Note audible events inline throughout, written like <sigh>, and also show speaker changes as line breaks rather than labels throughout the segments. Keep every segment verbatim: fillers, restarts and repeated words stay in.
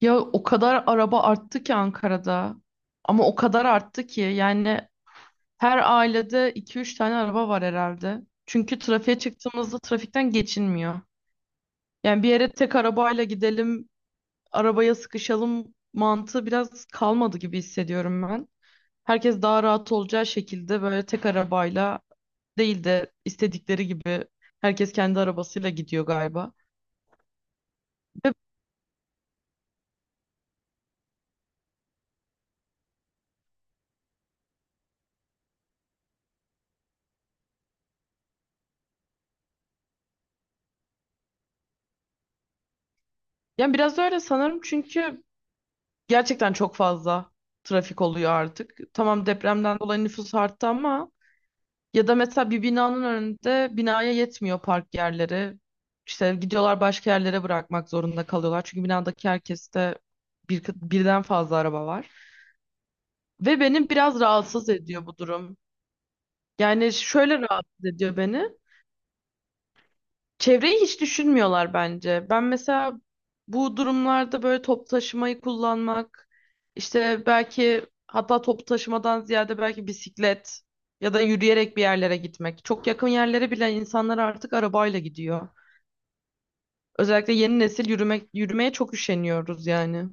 Ya o kadar araba arttı ki Ankara'da. Ama o kadar arttı ki yani her ailede iki üç tane araba var herhalde. Çünkü trafiğe çıktığımızda trafikten geçilmiyor. Yani bir yere tek arabayla gidelim, arabaya sıkışalım mantığı biraz kalmadı gibi hissediyorum ben. Herkes daha rahat olacağı şekilde böyle tek arabayla değil de istedikleri gibi herkes kendi arabasıyla gidiyor galiba. Ve yani biraz öyle sanırım çünkü gerçekten çok fazla trafik oluyor artık. Tamam, depremden dolayı nüfus arttı ama ya da mesela bir binanın önünde binaya yetmiyor park yerleri. İşte gidiyorlar, başka yerlere bırakmak zorunda kalıyorlar. Çünkü binadaki herkeste bir, birden fazla araba var. Ve beni biraz rahatsız ediyor bu durum. Yani şöyle rahatsız ediyor beni. Çevreyi hiç düşünmüyorlar bence. Ben mesela bu durumlarda böyle toplu taşımayı kullanmak, işte belki hatta toplu taşımadan ziyade belki bisiklet ya da yürüyerek bir yerlere gitmek. Çok yakın yerlere bile insanlar artık arabayla gidiyor. Özellikle yeni nesil yürümek, yürümeye çok üşeniyoruz yani.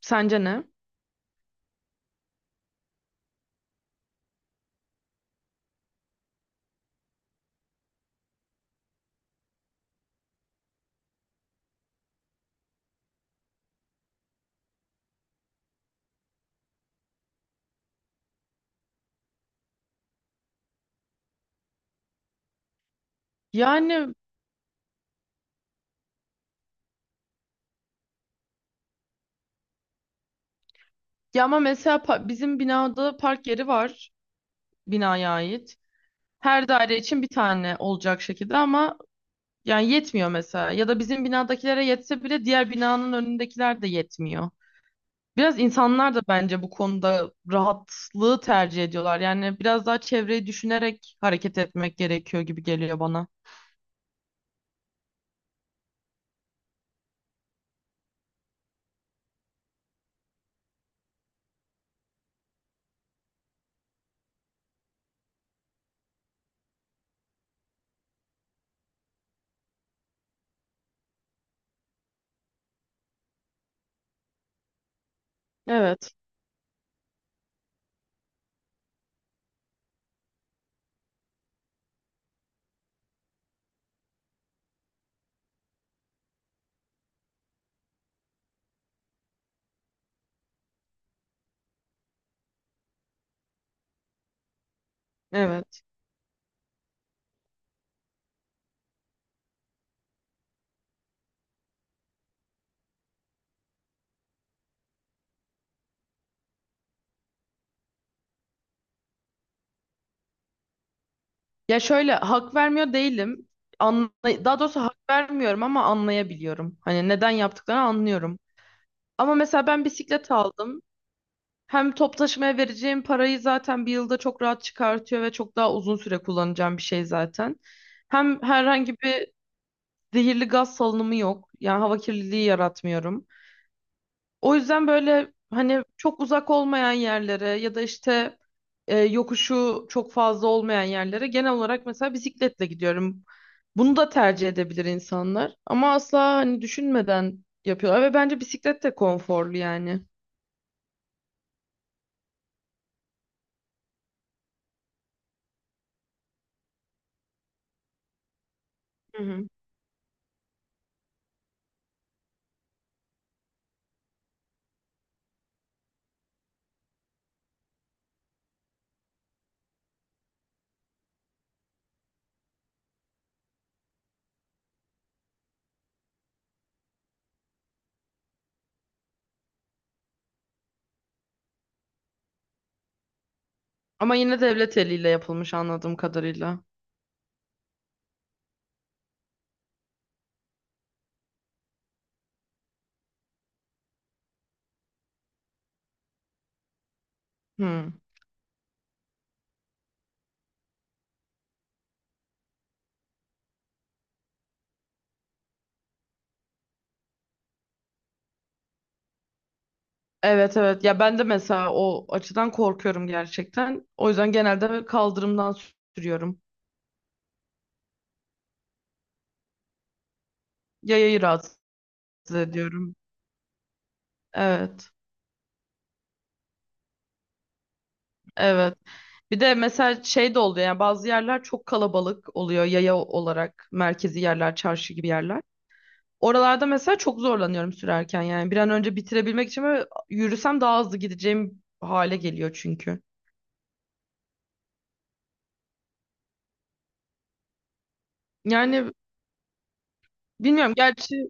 Sence ne? Yani ya ama mesela pa- bizim binada park yeri var, binaya ait. Her daire için bir tane olacak şekilde ama yani yetmiyor mesela. Ya da bizim binadakilere yetse bile diğer binanın önündekiler de yetmiyor. Biraz insanlar da bence bu konuda rahatlığı tercih ediyorlar. Yani biraz daha çevreyi düşünerek hareket etmek gerekiyor gibi geliyor bana. Evet, evet. Ya şöyle hak vermiyor değilim. Anla Daha doğrusu hak vermiyorum ama anlayabiliyorum. Hani neden yaptıklarını anlıyorum. Ama mesela ben bisiklet aldım. Hem top taşımaya vereceğim parayı zaten bir yılda çok rahat çıkartıyor ve çok daha uzun süre kullanacağım bir şey zaten. Hem herhangi bir zehirli gaz salınımı yok. Yani hava kirliliği yaratmıyorum. O yüzden böyle hani çok uzak olmayan yerlere ya da işte e, yokuşu çok fazla olmayan yerlere genel olarak mesela bisikletle gidiyorum. Bunu da tercih edebilir insanlar ama asla hani düşünmeden yapıyorlar ve bence bisiklet de konforlu yani. Ama yine devlet eliyle yapılmış anladığım kadarıyla. Hmm. Evet, evet. Ya ben de mesela o açıdan korkuyorum gerçekten. O yüzden genelde kaldırımdan sürüyorum. Yayayı rahatsız ediyorum. Evet. Evet. Bir de mesela şey de oluyor yani bazı yerler çok kalabalık oluyor yaya olarak, merkezi yerler, çarşı gibi yerler. Oralarda mesela çok zorlanıyorum sürerken yani bir an önce bitirebilmek için böyle yürüsem daha hızlı gideceğim hale geliyor çünkü. Yani bilmiyorum gerçi.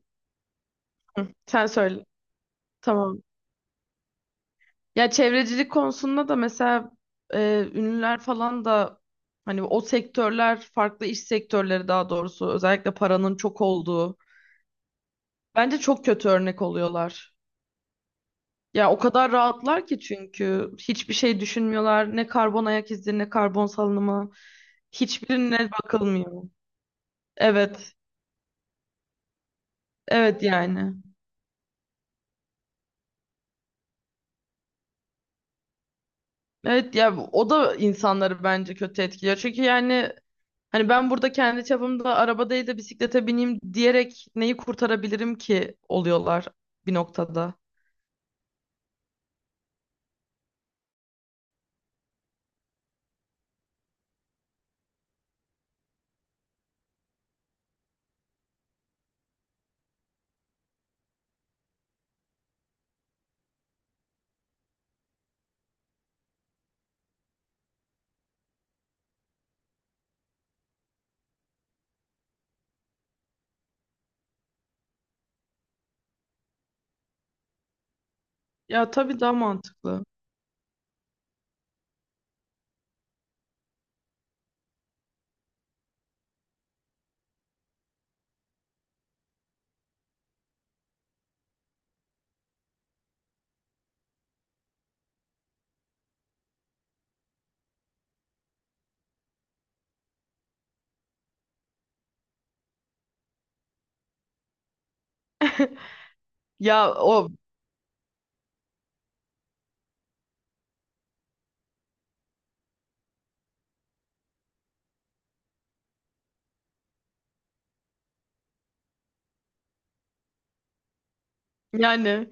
Hı, sen söyle. Tamam. Ya çevrecilik konusunda da mesela e, ünlüler falan da hani o sektörler, farklı iş sektörleri daha doğrusu, özellikle paranın çok olduğu bence çok kötü örnek oluyorlar. Ya o kadar rahatlar ki çünkü hiçbir şey düşünmüyorlar. Ne karbon ayak izi, ne karbon salınımı, hiçbirine bakılmıyor. Evet. Evet yani. Evet ya bu- o da insanları bence kötü etkiliyor. Çünkü yani hani ben burada kendi çapımda araba değil de bisiklete bineyim diyerek neyi kurtarabilirim ki oluyorlar bir noktada. Ya tabii daha mantıklı. <laughs> Ya o Yani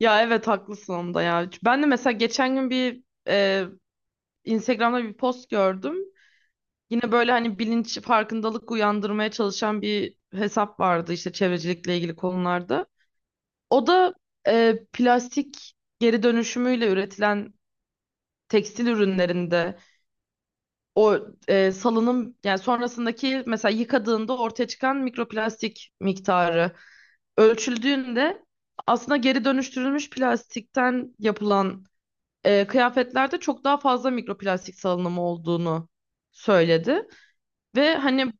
ya evet haklısın onda ya. Ben de mesela geçen gün bir e, Instagram'da bir post gördüm. Yine böyle hani bilinç, farkındalık uyandırmaya çalışan bir hesap vardı işte çevrecilikle ilgili konularda. O da e, plastik geri dönüşümüyle üretilen tekstil ürünlerinde o e, salınım, yani sonrasındaki mesela yıkadığında ortaya çıkan mikroplastik miktarı ölçüldüğünde aslında geri dönüştürülmüş plastikten yapılan e, kıyafetlerde çok daha fazla mikroplastik salınımı olduğunu söyledi. Ve hani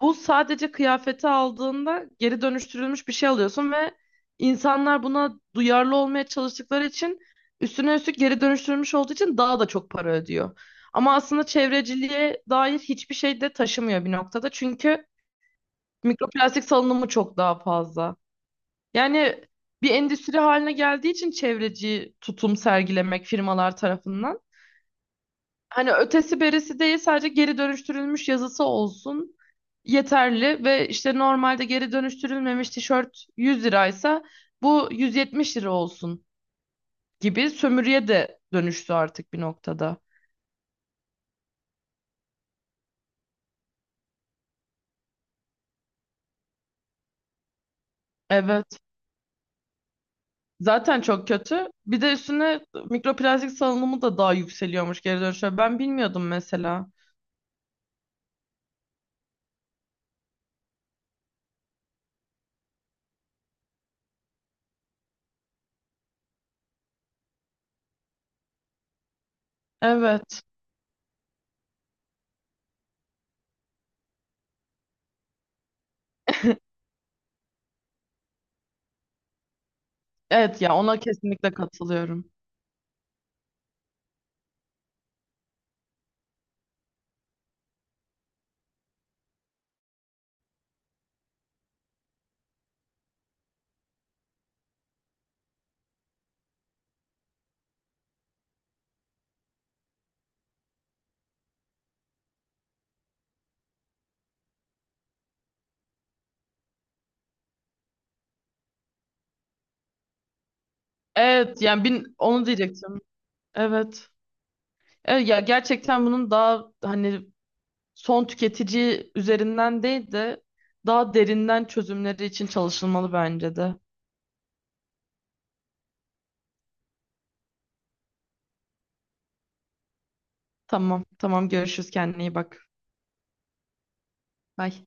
bu, sadece kıyafeti aldığında geri dönüştürülmüş bir şey alıyorsun ve insanlar buna duyarlı olmaya çalıştıkları için, üstüne üstlük geri dönüştürülmüş olduğu için daha da çok para ödüyor. Ama aslında çevreciliğe dair hiçbir şey de taşımıyor bir noktada. Çünkü mikroplastik salınımı çok daha fazla. Yani bir endüstri haline geldiği için çevreci tutum sergilemek firmalar tarafından, hani ötesi berisi değil, sadece geri dönüştürülmüş yazısı olsun yeterli ve işte normalde geri dönüştürülmemiş tişört yüz liraysa bu yüz yetmiş lira olsun gibi sömürüye de dönüştü artık bir noktada. Evet. Zaten çok kötü. Bir de üstüne mikroplastik salınımı da daha yükseliyormuş geri dönüşe. Ben bilmiyordum mesela. Evet. Evet ya ona kesinlikle katılıyorum. Evet yani bin, onu diyecektim. Evet. Evet ya gerçekten bunun daha hani son tüketici üzerinden değil de daha derinden çözümleri için çalışılmalı bence de. Tamam, tamam, görüşürüz, kendine iyi bak. Bye.